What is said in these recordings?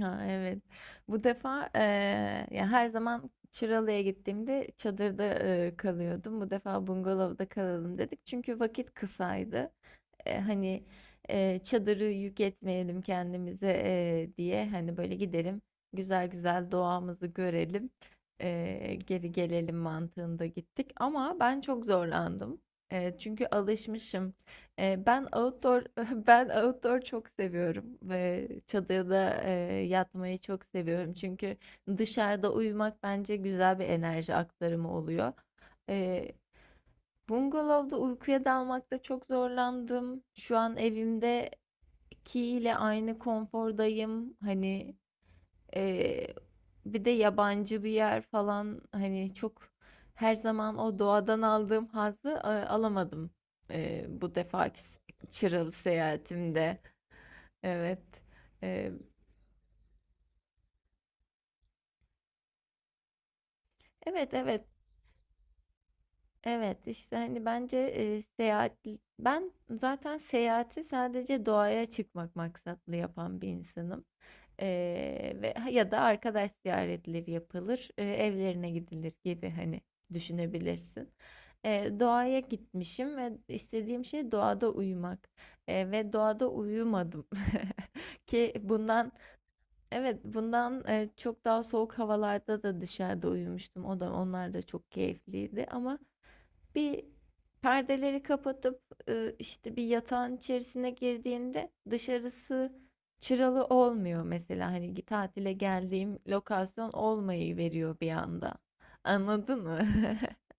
Ha, evet. Bu defa ya her zaman Çıralı'ya gittiğimde çadırda kalıyordum. Bu defa bungalovda kalalım dedik. Çünkü vakit kısaydı. Eee, hani, çadırı yük etmeyelim kendimize, diye, hani, böyle gidelim, güzel güzel doğamızı görelim, geri gelelim mantığında gittik ama ben çok zorlandım. Çünkü alışmışım. Ben outdoor ben outdoor çok seviyorum ve çadırda, yatmayı çok seviyorum. Çünkü dışarıda uyumak bence güzel bir enerji aktarımı oluyor. Bungalovda uykuya dalmakta çok zorlandım. Şu an evimdeki ile aynı konfordayım. Hani eee, bir de yabancı bir yer falan hani çok her zaman o doğadan aldığım hazzı alamadım eee, bu defaki s- Çıralı seyahatimde. Evet. Eee, evet, evet işte hani bence seyahat ben zaten seyahati sadece doğaya çıkmak maksatlı yapan bir insanım. Ve ya da arkadaş ziyaretleri yapılır, evlerine gidilir gibi hani düşünebilirsin. Doğaya gitmişim ve istediğim şey doğada uyumak. Ve doğada uyumadım. Ki bundan çok daha soğuk havalarda da dışarıda uyumuştum. O da onlar da çok keyifliydi ama bir perdeleri kapatıp, işte, bir yatağın içerisine girdiğinde dışarısı çıralı olmuyor mesela, hani, tatile geldiğim lokasyon olmayı veriyor bir anda. Anladın mı?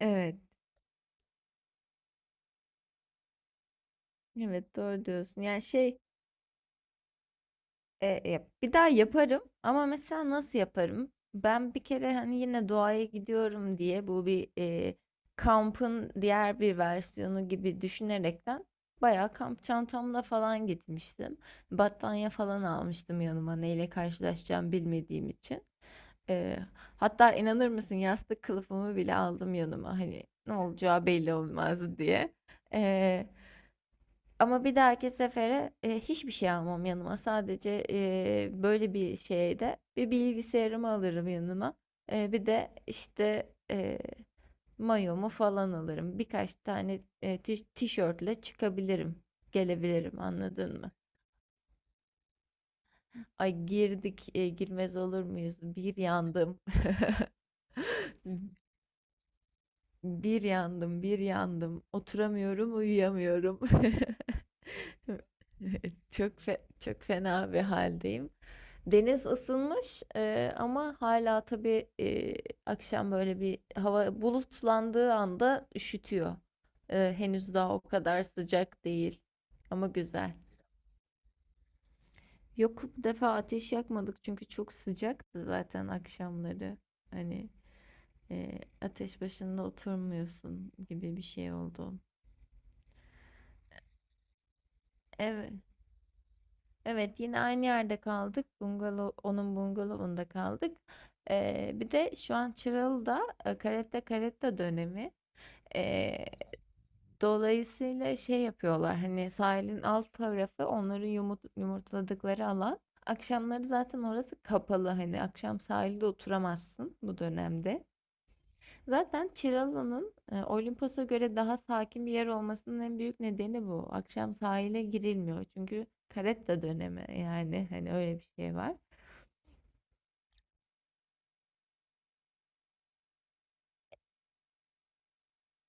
Evet, evet, doğru diyorsun. Yani, şey. E, ya bir daha yaparım ama mesela nasıl yaparım? Ben bir kere hani yine doğaya gidiyorum diye bu bir kampın diğer bir versiyonu gibi düşünerekten bayağı kamp çantamla falan gitmiştim. Battaniye falan almıştım yanıma neyle karşılaşacağım bilmediğim için. E, hatta inanır mısın yastık kılıfımı bile aldım yanıma hani ne olacağı belli olmaz diye. Ama bir dahaki sefere, hiçbir şey almam yanıma. Sadece, böyle bir şeyde bir bilgisayarımı alırım yanıma. Bir de, işte, mayomu falan alırım. Birkaç tane, tişörtle çıkabilirim, gelebilirim, anladın mı? Ay girdik, girmez olur muyuz? Bir yandım, bir yandım, bir yandım. Oturamıyorum, uyuyamıyorum. Çok fena bir haldeyim. Deniz ısınmış, ama hala tabii, akşam böyle bir hava bulutlandığı anda üşütüyor. Henüz daha o kadar sıcak değil ama güzel. Yok, bu defa ateş yakmadık çünkü çok sıcaktı zaten akşamları. Hani, ateş başında oturmuyorsun gibi bir şey oldu. Evet. Evet, yine aynı yerde kaldık. Bungalov, onun bungalovunda kaldık. Bir de şu an Çıralı'da Caretta Caretta dönemi. Ee, dolayısıyla şey yapıyorlar hani sahilin alt tarafı onların yumurtladıkları alan. Akşamları zaten orası kapalı hani akşam sahilde oturamazsın bu dönemde. Zaten Çıralı'nın Olimpos'a göre daha sakin bir yer olmasının en büyük nedeni bu. Akşam sahile girilmiyor çünkü karetta dönemi yani hani öyle bir şey var.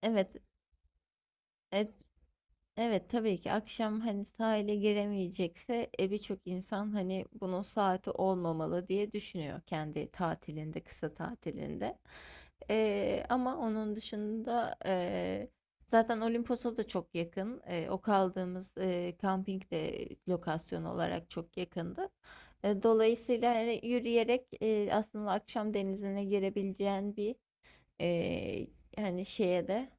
Evet, et, Evet, tabii ki akşam hani sahile giremeyecekse birçok insan hani bunun saati olmamalı diye düşünüyor kendi tatilinde kısa tatilinde. Ama onun dışında zaten Olimpos'a da çok yakın. O kaldığımız kamping de lokasyon olarak çok yakındı. Dolayısıyla hani yürüyerek aslında akşam denizine girebileceğin bir e, hani şeye de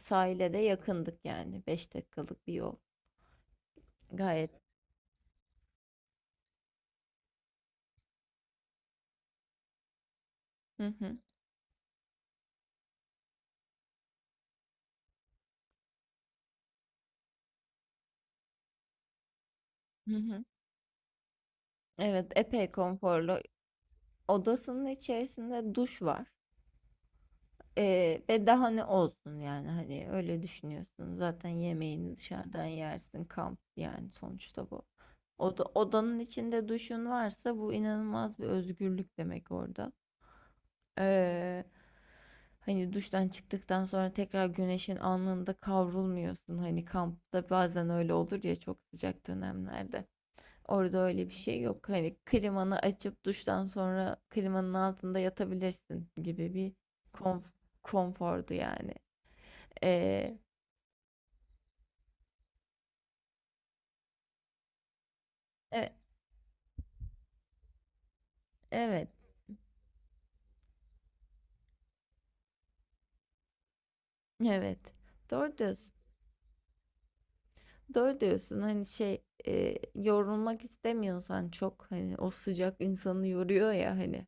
sahile de yakındık yani 5 dakikalık bir yol. Gayet. Hı hı. Hı hı. Evet, epey konforlu. Odasının içerisinde duş var. Ve daha ne olsun yani hani öyle düşünüyorsun. Zaten yemeğini dışarıdan yersin. Kamp yani sonuçta bu. Odanın içinde duşun varsa bu inanılmaz bir özgürlük demek orada. Ee, hani duştan çıktıktan sonra tekrar güneşin alnında kavrulmuyorsun. Hani kampta bazen öyle olur ya çok sıcak dönemlerde. Orada öyle bir şey yok. Hani klimanı açıp duştan sonra klimanın altında yatabilirsin gibi bir konf- konfordu yani. Ee, e- evet, evet. Doğru diyorsun. Doğru diyorsun. Hani şey yorulmak istemiyorsan çok hani o sıcak insanı yoruyor ya hani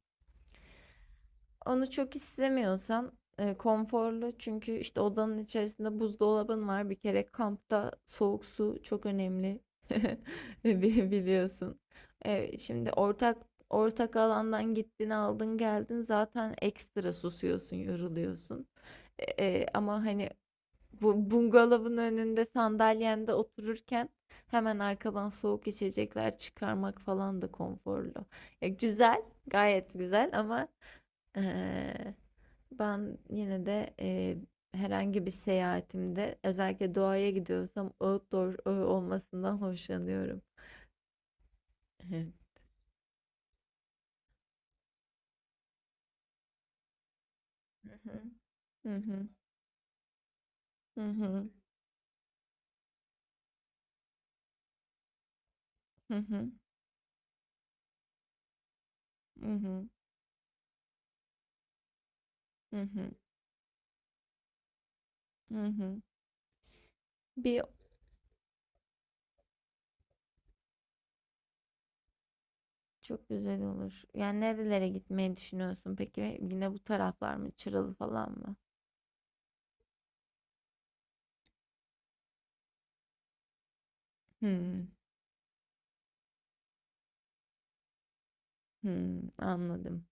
onu çok istemiyorsan konforlu çünkü işte odanın içerisinde buzdolabın var. Bir kere kampta soğuk su çok önemli. Biliyorsun. E, şimdi ortak alandan gittin aldın geldin zaten ekstra susuyorsun yoruluyorsun. Ama hani bu bungalovun önünde sandalyende otururken hemen arkadan soğuk içecekler çıkarmak falan da konforlu. Ya güzel, gayet güzel ama eee, ben yine de herhangi bir seyahatimde özellikle doğaya gidiyorsam outdoor olmasından hoşlanıyorum. Evet. Hı hı. Hı hı. Hı hı. Hı hı. Hı hı. Hı hı. Hı hı. Bir Çok güzel olur. Yani nerelere gitmeyi düşünüyorsun peki? Yine bu taraflar mı? Çıralı falan mı? Hmm, hmm, anladım.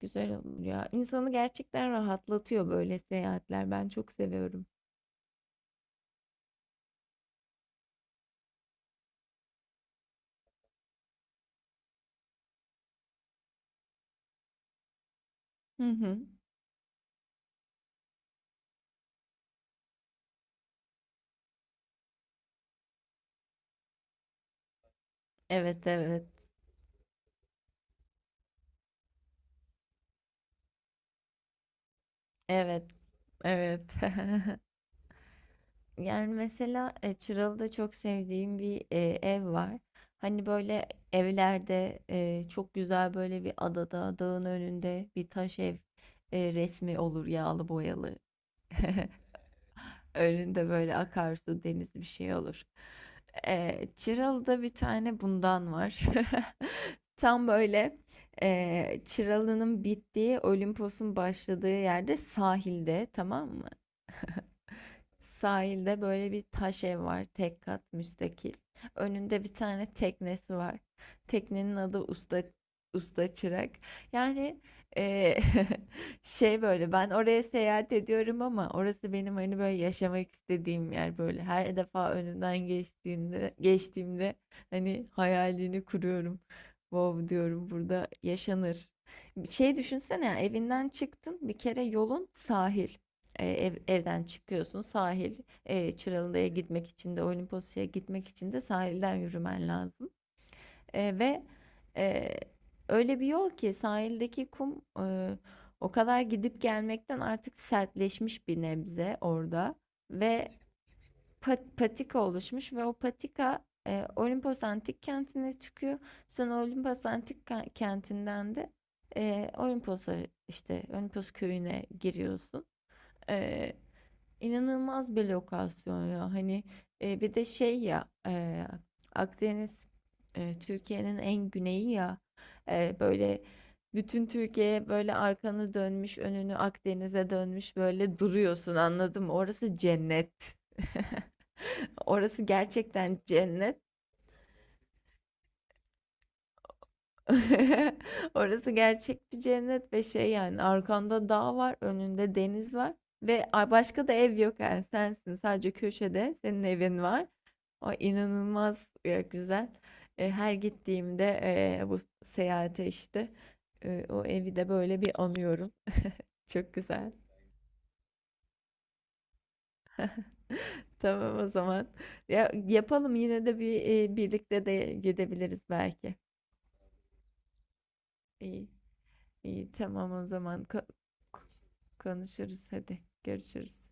Güzel olur ya. İnsanı gerçekten rahatlatıyor böyle seyahatler. Ben çok seviyorum. Hı hı. Evet. Evet, evet Yani mesela Çıralı'da çok sevdiğim bir ev var. Hani böyle evlerde çok güzel böyle bir adada, dağın önünde bir taş ev resmi olur yağlı boyalı. Önünde böyle akarsu, deniz bir şey olur. Çıralı'da bir tane bundan var. Tam böyle Çıralı'nın bittiği, Olimpos'un başladığı yerde sahilde, tamam mı? Sahilde böyle bir taş ev var. Tek kat müstakil. Önünde bir tane teknesi var. Teknenin adı Usta Çırak. Yani eee, şey böyle ben oraya seyahat ediyorum ama orası benim hani böyle yaşamak istediğim yer böyle. Her defa önünden geçtiğimde hani hayalini kuruyorum. Wow diyorum burada yaşanır. Şey düşünsene ya, evinden çıktın bir kere yolun sahil. Evden çıkıyorsun sahil, Çıralı'ya gitmek için de Olimpos'a gitmek için de sahilden yürümen lazım. E, ve e, Öyle bir yol ki sahildeki kum o kadar gidip gelmekten artık sertleşmiş bir nebze orada ve patika oluşmuş ve o patika Olimpos Antik Kenti'ne çıkıyor. Sonra Olimpos Antik Kenti'nden de Olimpos'a işte Olimpos köyüne giriyorsun. E, İnanılmaz bir lokasyon ya. Hani bir de şey ya, Akdeniz Türkiye'nin en güneyi ya. Böyle bütün Türkiye böyle arkanı dönmüş, önünü Akdeniz'e dönmüş böyle duruyorsun anladın mı? Orası cennet. Orası gerçekten cennet. Orası gerçek bir cennet ve şey yani arkanda dağ var, önünde deniz var ve başka da ev yok yani sensin sadece köşede senin evin var. O inanılmaz güzel. Her gittiğimde bu seyahate işte o evi de böyle bir anıyorum. Çok güzel. Tamam o zaman. Ya, yapalım yine de bir, birlikte de gidebiliriz belki. İyi, iyi, tamam o zaman. Konuşuruz hadi, görüşürüz.